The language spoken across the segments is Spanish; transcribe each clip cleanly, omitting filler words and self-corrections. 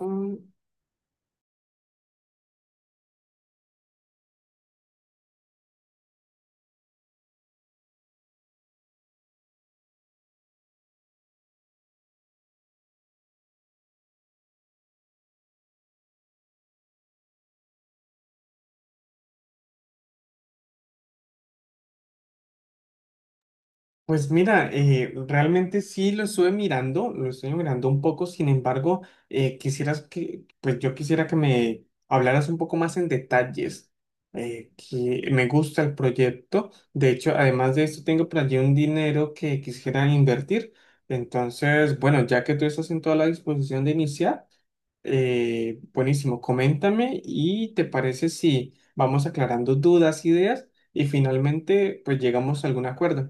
Mm. Pues mira, realmente sí lo estuve mirando, lo estoy mirando un poco. Sin embargo, quisieras que, pues yo quisiera que me hablaras un poco más en detalles, que me gusta el proyecto. De hecho, además de esto, tengo por allí un dinero que quisiera invertir. Entonces, bueno, ya que tú estás en toda la disposición de iniciar, buenísimo, coméntame y te parece si vamos aclarando dudas, ideas y finalmente, pues llegamos a algún acuerdo.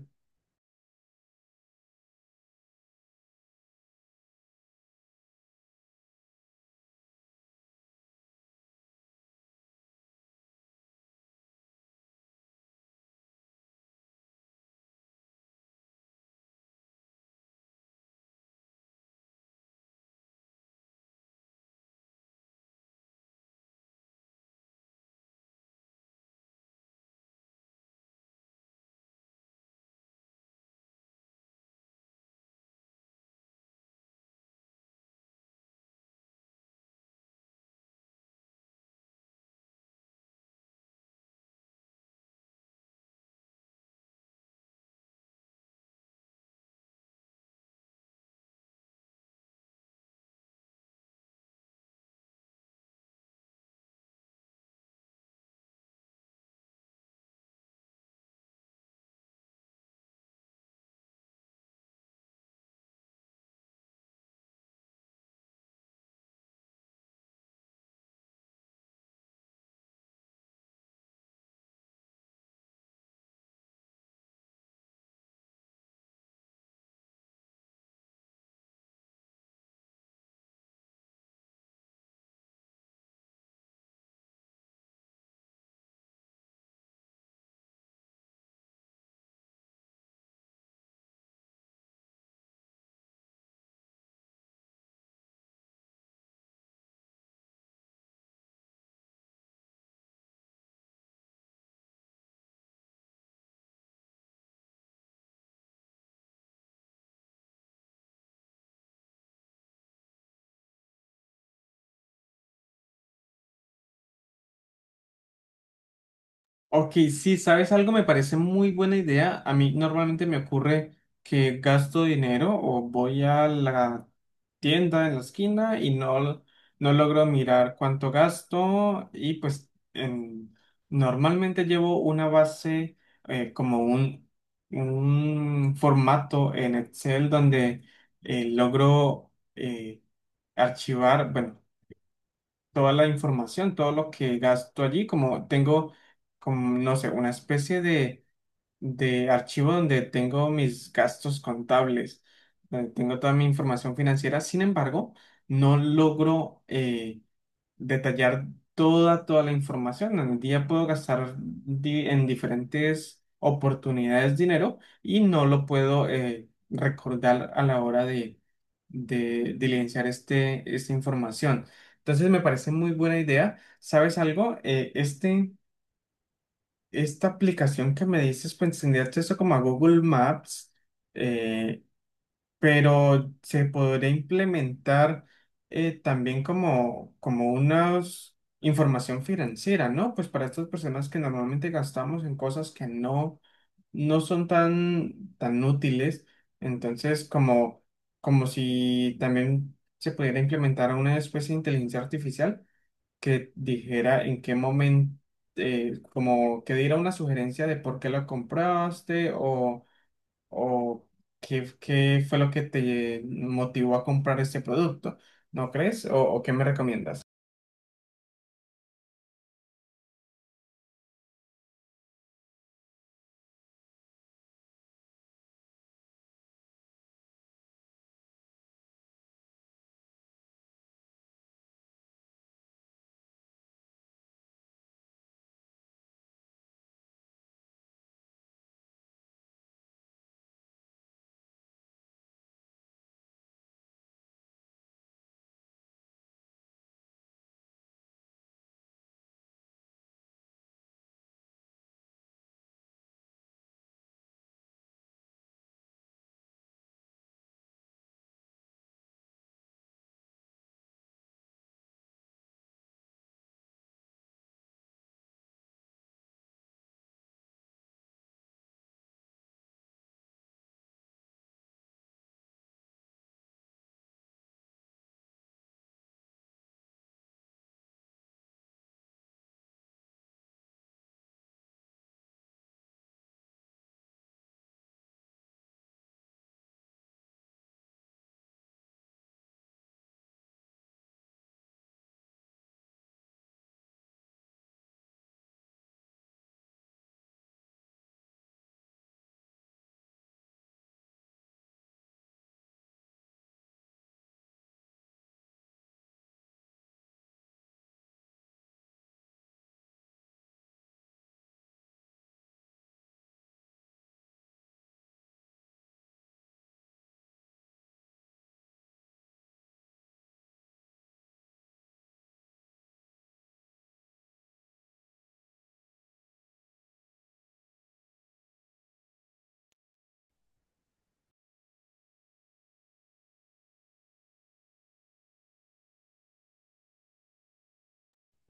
Ok, sí, ¿sabes algo? Me parece muy buena idea. A mí normalmente me ocurre que gasto dinero o voy a la tienda en la esquina y no logro mirar cuánto gasto. Y pues normalmente llevo una base como un formato en Excel donde logro archivar, bueno, toda la información, todo lo que gasto allí. Como tengo, como, no sé, una especie de archivo donde tengo mis gastos contables, donde tengo toda mi información financiera. Sin embargo, no logro, detallar toda la información. En el día puedo gastar en diferentes oportunidades dinero y no lo puedo recordar a la hora de diligenciar este, esta información. Entonces me parece muy buena idea. ¿Sabes algo? Esta aplicación que me dices, pues tendría acceso como a Google Maps. Eh, pero se podría implementar también como, como una información financiera, ¿no? Pues para estas personas que normalmente gastamos en cosas que no son tan útiles. Entonces como, como si también se pudiera implementar una especie de inteligencia artificial que dijera en qué momento, como que diera una sugerencia de por qué lo compraste o qué fue lo que te motivó a comprar este producto, ¿no crees? O qué me recomiendas?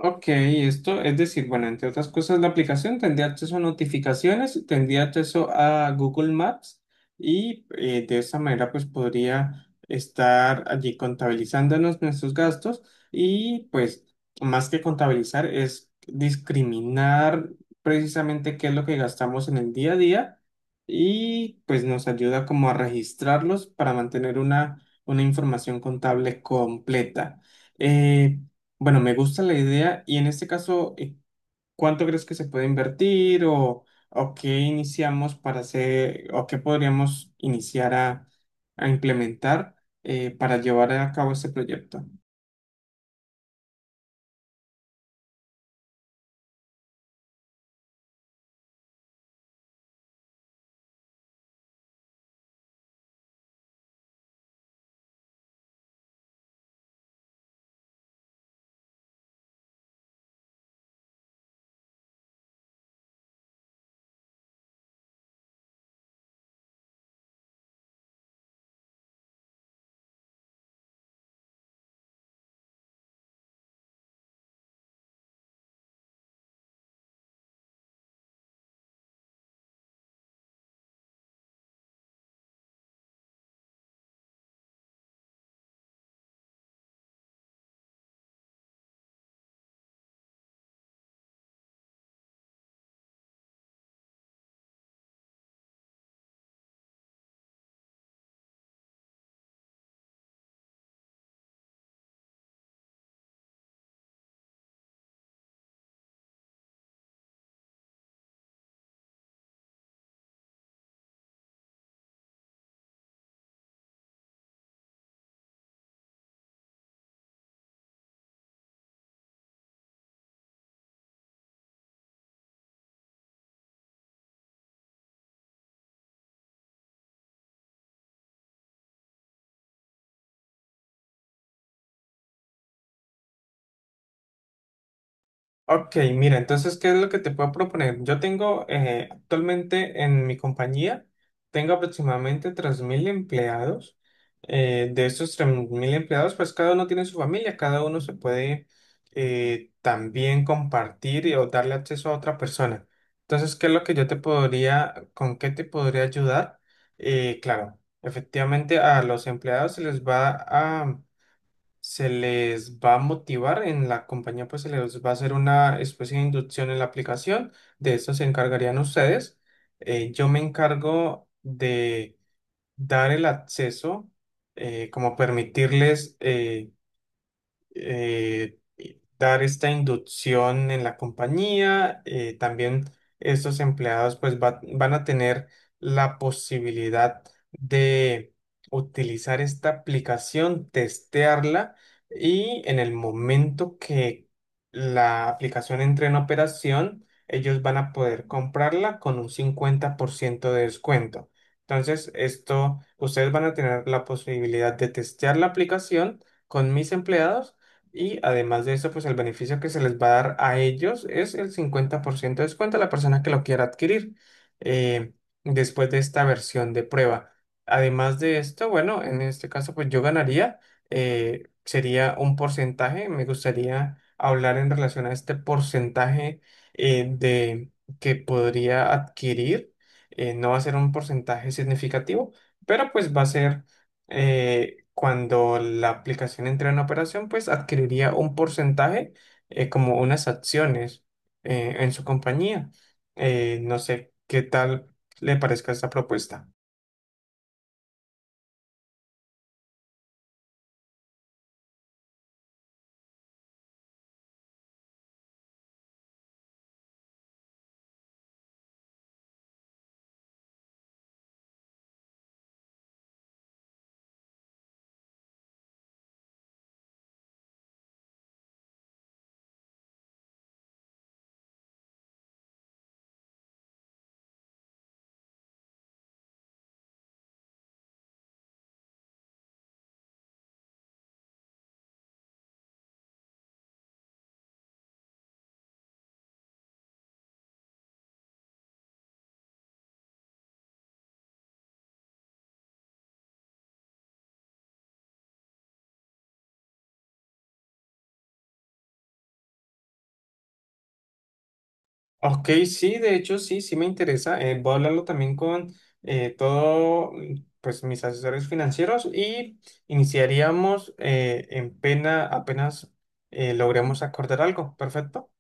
Ok, esto es decir, bueno, entre otras cosas, la aplicación tendría acceso a notificaciones, tendría acceso a Google Maps y de esa manera pues podría estar allí contabilizándonos nuestros gastos. Y pues más que contabilizar es discriminar precisamente qué es lo que gastamos en el día a día, y pues nos ayuda como a registrarlos para mantener una información contable completa. Eh, bueno, me gusta la idea y en este caso, ¿cuánto crees que se puede invertir o qué iniciamos para hacer o qué podríamos iniciar a implementar para llevar a cabo este proyecto? Ok, mira, entonces, ¿qué es lo que te puedo proponer? Yo tengo actualmente en mi compañía, tengo aproximadamente 3000 empleados. De esos 3000 empleados, pues cada uno tiene su familia, cada uno se puede también compartir o darle acceso a otra persona. Entonces, ¿qué es lo que yo te podría, con qué te podría ayudar? Claro, efectivamente a los empleados se les va a motivar en la compañía, pues se les va a hacer una especie de inducción en la aplicación. De eso se encargarían ustedes. Yo me encargo de dar el acceso, como permitirles. Dar esta inducción en la compañía. También estos empleados pues van a tener la posibilidad de utilizar esta aplicación, testearla, y en el momento que la aplicación entre en operación, ellos van a poder comprarla con un 50% de descuento. Entonces, esto, ustedes van a tener la posibilidad de testear la aplicación con mis empleados, y además de eso, pues el beneficio que se les va a dar a ellos es el 50% de descuento a la persona que lo quiera adquirir eh, después de esta versión de prueba. Además de esto, bueno, en este caso, pues yo ganaría, sería un porcentaje. Me gustaría hablar en relación a este porcentaje de que podría adquirir. No va a ser un porcentaje significativo, pero pues va a ser cuando la aplicación entra en operación, pues adquiriría un porcentaje, como unas acciones en su compañía. No sé qué tal le parezca esta propuesta. Ok, sí, de hecho, sí, sí me interesa. Voy a hablarlo también con todo, mm, pues mis asesores financieros, y iniciaríamos en pena apenas logremos acordar algo. Perfecto.